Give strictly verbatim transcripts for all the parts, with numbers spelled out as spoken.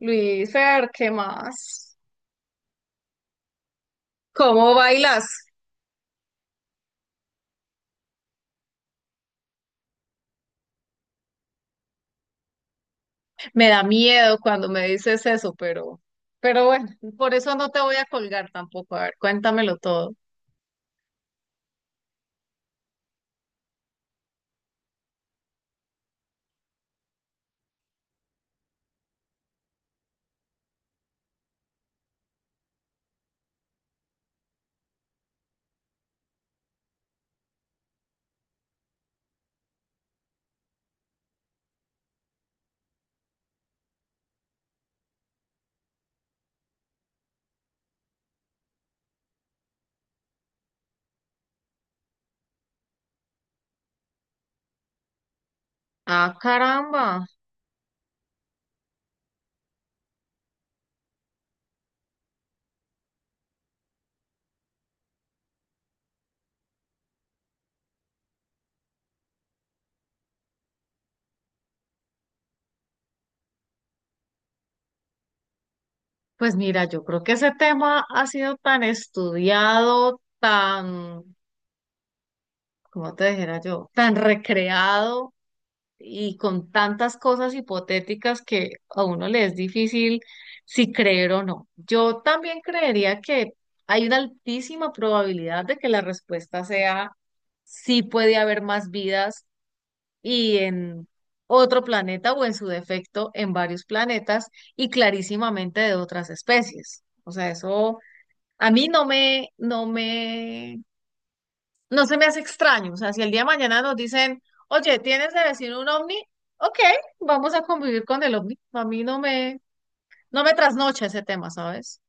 Luisfer, ¿qué más? ¿Cómo bailas? Me da miedo cuando me dices eso, pero, pero bueno, por eso no te voy a colgar tampoco. A ver, cuéntamelo todo. Ah, caramba. Pues mira, yo creo que ese tema ha sido tan estudiado, tan, ¿cómo te dijera yo? Tan recreado, y con tantas cosas hipotéticas que a uno le es difícil si creer o no. Yo también creería que hay una altísima probabilidad de que la respuesta sea sí, puede haber más vidas y en otro planeta o en su defecto en varios planetas y clarísimamente de otras especies. O sea, eso a mí no me, no me, no se me hace extraño. O sea, si el día de mañana nos dicen, oye, ¿tienes de vecino un ovni? Ok, vamos a convivir con el ovni. A mí no me, no me trasnocha ese tema, ¿sabes?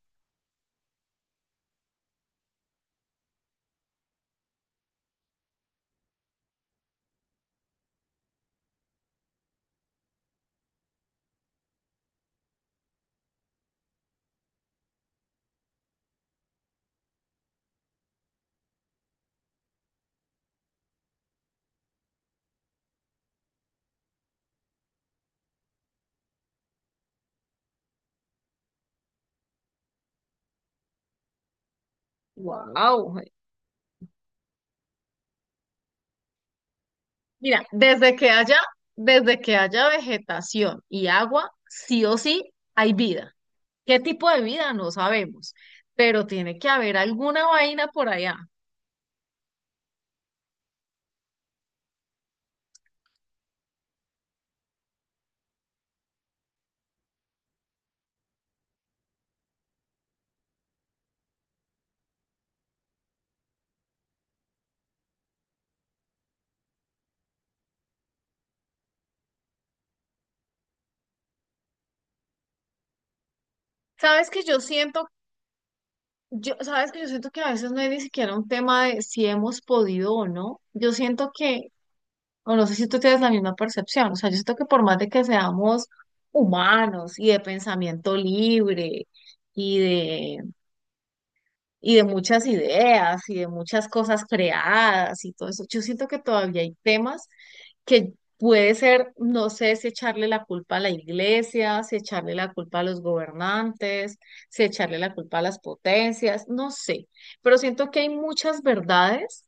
Wow. Mira, desde que haya, desde que haya vegetación y agua, sí o sí hay vida. ¿Qué tipo de vida? No sabemos, pero tiene que haber alguna vaina por allá. ¿Sabes que yo siento, yo, sabes que yo siento que a veces no es ni siquiera un tema de si hemos podido o no? Yo siento que... O no sé si tú tienes la misma percepción. O sea, yo siento que por más de que seamos humanos y de pensamiento libre y de, y de muchas ideas y de muchas cosas creadas y todo eso, yo siento que todavía hay temas que puede ser, no sé si echarle la culpa a la iglesia, si echarle la culpa a los gobernantes, si echarle la culpa a las potencias, no sé. Pero siento que hay muchas verdades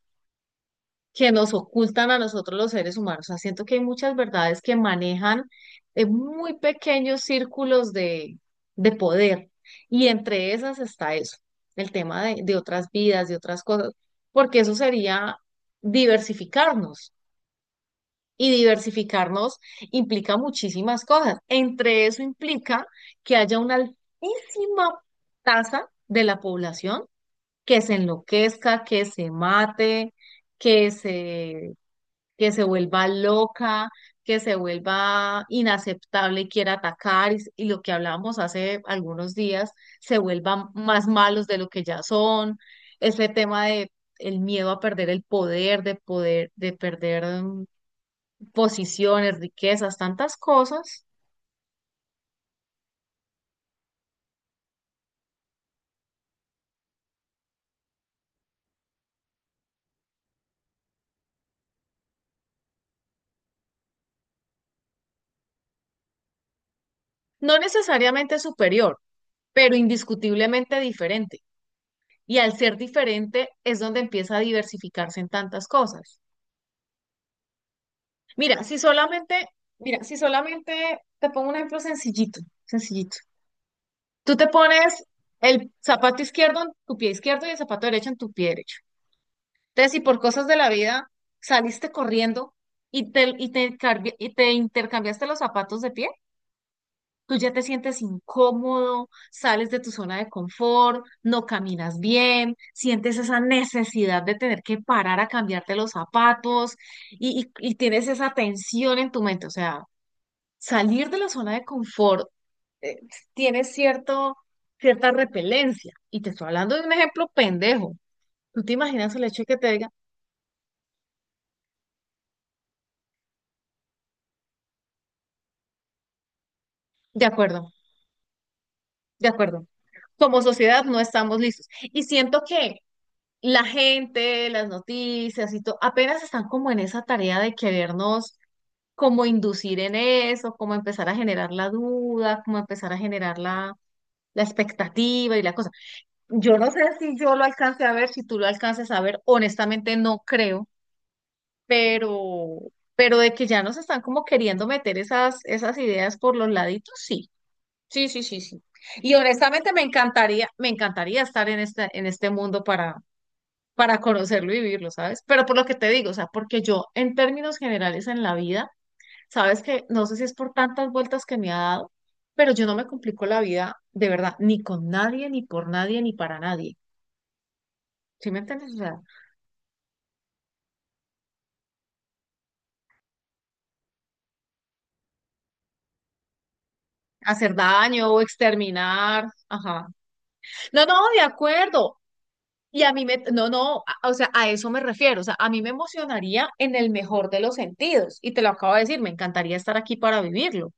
que nos ocultan a nosotros los seres humanos. O sea, siento que hay muchas verdades que manejan eh, muy pequeños círculos de, de poder, y entre esas está eso, el tema de, de otras vidas, de otras cosas, porque eso sería diversificarnos. Y diversificarnos implica muchísimas cosas. Entre eso implica que haya una altísima tasa de la población que se enloquezca, que se mate, que se, que se vuelva loca, que se vuelva inaceptable y quiera atacar, y, s- y lo que hablábamos hace algunos días, se vuelvan más malos de lo que ya son, ese tema de el miedo a perder el poder, de poder, de perder mm, posiciones, riquezas, tantas cosas, no necesariamente superior, pero indiscutiblemente diferente. Y al ser diferente es donde empieza a diversificarse en tantas cosas. Mira, si solamente, mira, si solamente te pongo un ejemplo sencillito, sencillito. Tú te pones el zapato izquierdo en tu pie izquierdo y el zapato derecho en tu pie derecho. Entonces, si por cosas de la vida saliste corriendo y te, y te, carbi- y te intercambiaste los zapatos de pie, tú ya te sientes incómodo, sales de tu zona de confort, no caminas bien, sientes esa necesidad de tener que parar a cambiarte los zapatos y, y y tienes esa tensión en tu mente, o sea. Salir de la zona de confort eh, tiene cierto, cierta repelencia. Y te estoy hablando de un ejemplo pendejo. ¿Tú te imaginas el hecho de que te digan, de acuerdo, de acuerdo, como sociedad no estamos listos? Y siento que la gente, las noticias y todo, apenas están como en esa tarea de querernos como inducir en eso, como empezar a generar la duda, como empezar a generar la, la expectativa y la cosa. Yo no sé si yo lo alcance a ver, si tú lo alcances a ver, honestamente no creo, pero, pero de que ya nos están como queriendo meter esas, esas ideas por los laditos, sí, sí, sí, sí, sí. Y honestamente me encantaría, me encantaría estar en este, en este mundo para, para conocerlo y vivirlo, ¿sabes? Pero por lo que te digo, o sea, porque yo en términos generales en la vida, sabes que no sé si es por tantas vueltas que me ha dado, pero yo no me complico la vida de verdad, ni con nadie, ni por nadie, ni para nadie. ¿Sí me entiendes? O sea, hacer daño o exterminar. Ajá. No, no, de acuerdo. Y a mí me, no, no, a- o sea, a eso me refiero. O sea, a mí me emocionaría en el mejor de los sentidos. Y te lo acabo de decir, me encantaría estar aquí para vivirlo.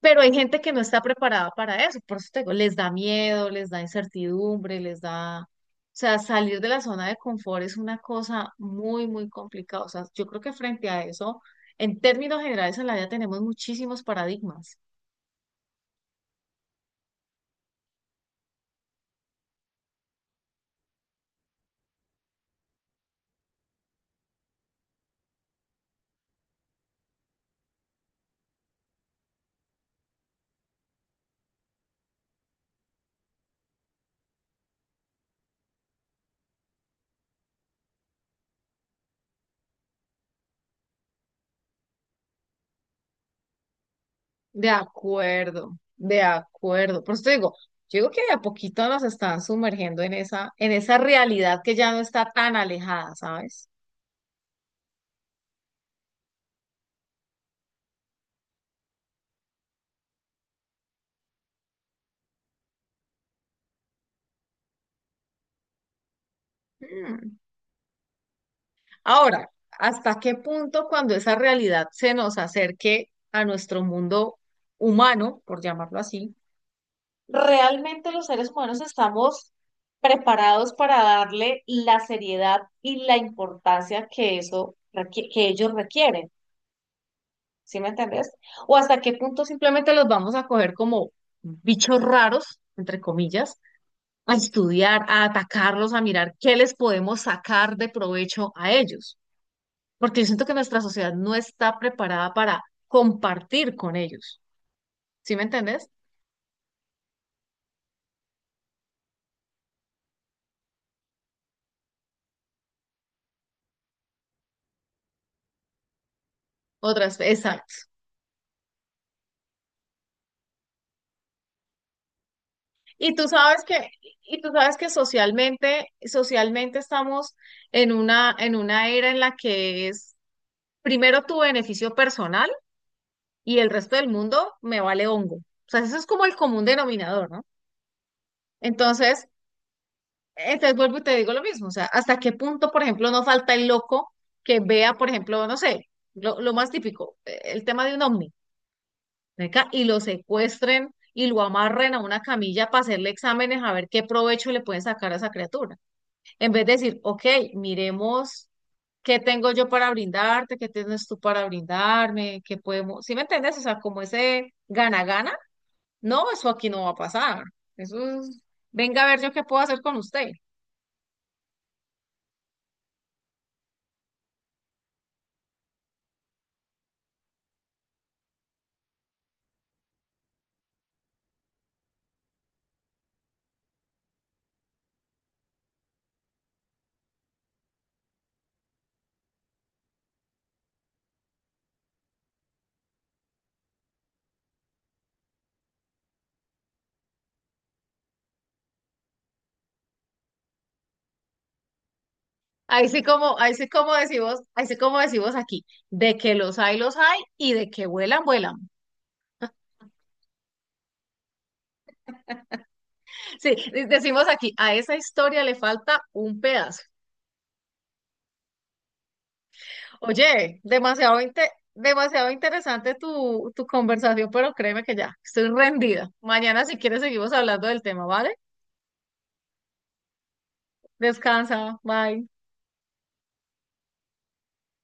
Pero hay gente que no está preparada para eso. Por eso te digo, les da miedo, les da incertidumbre, les da... O sea, salir de la zona de confort es una cosa muy, muy complicada. O sea, yo creo que frente a eso, en términos generales en la vida tenemos muchísimos paradigmas. De acuerdo, de acuerdo. Por eso te digo, yo digo que de a poquito nos están sumergiendo en esa, en esa realidad que ya no está tan alejada, ¿sabes? Mm. Ahora, ¿hasta qué punto cuando esa realidad se nos acerque a nuestro mundo humano, por llamarlo así, realmente los seres humanos estamos preparados para darle la seriedad y la importancia que eso requi- que ellos requieren? ¿Sí me entendés? O hasta qué punto simplemente los vamos a coger como bichos raros, entre comillas, a estudiar, a atacarlos, a mirar qué les podemos sacar de provecho a ellos. Porque yo siento que nuestra sociedad no está preparada para compartir con ellos. ¿Sí me entendés? Otras, exacto. Y tú sabes que, y tú sabes que socialmente, socialmente estamos en una, en una era en la que es primero tu beneficio personal y el resto del mundo me vale hongo. O sea, eso es como el común denominador, ¿no? Entonces, entonces vuelvo y te digo lo mismo, o sea, hasta qué punto, por ejemplo, no falta el loco que vea, por ejemplo, no sé, lo, lo más típico, eh, el tema de un ovni, venga y lo secuestren y lo amarren a una camilla para hacerle exámenes a ver qué provecho le pueden sacar a esa criatura. En vez de decir, ok, miremos qué tengo yo para brindarte, qué tienes tú para brindarme, qué podemos, ¿sí me entiendes? O sea, como ese gana-gana. No, eso aquí no va a pasar. Eso es, venga a ver yo qué puedo hacer con usted. Ahí sí como, ahí sí como decimos, ahí sí como decimos aquí, de que los hay, los hay, y de que vuelan, vuelan. Sí, de- decimos aquí, a esa historia le falta un pedazo. Oye, demasiado, inte- demasiado interesante tu, tu conversación, pero créeme que ya, estoy rendida. Mañana si quieres seguimos hablando del tema, ¿vale? Descansa, bye.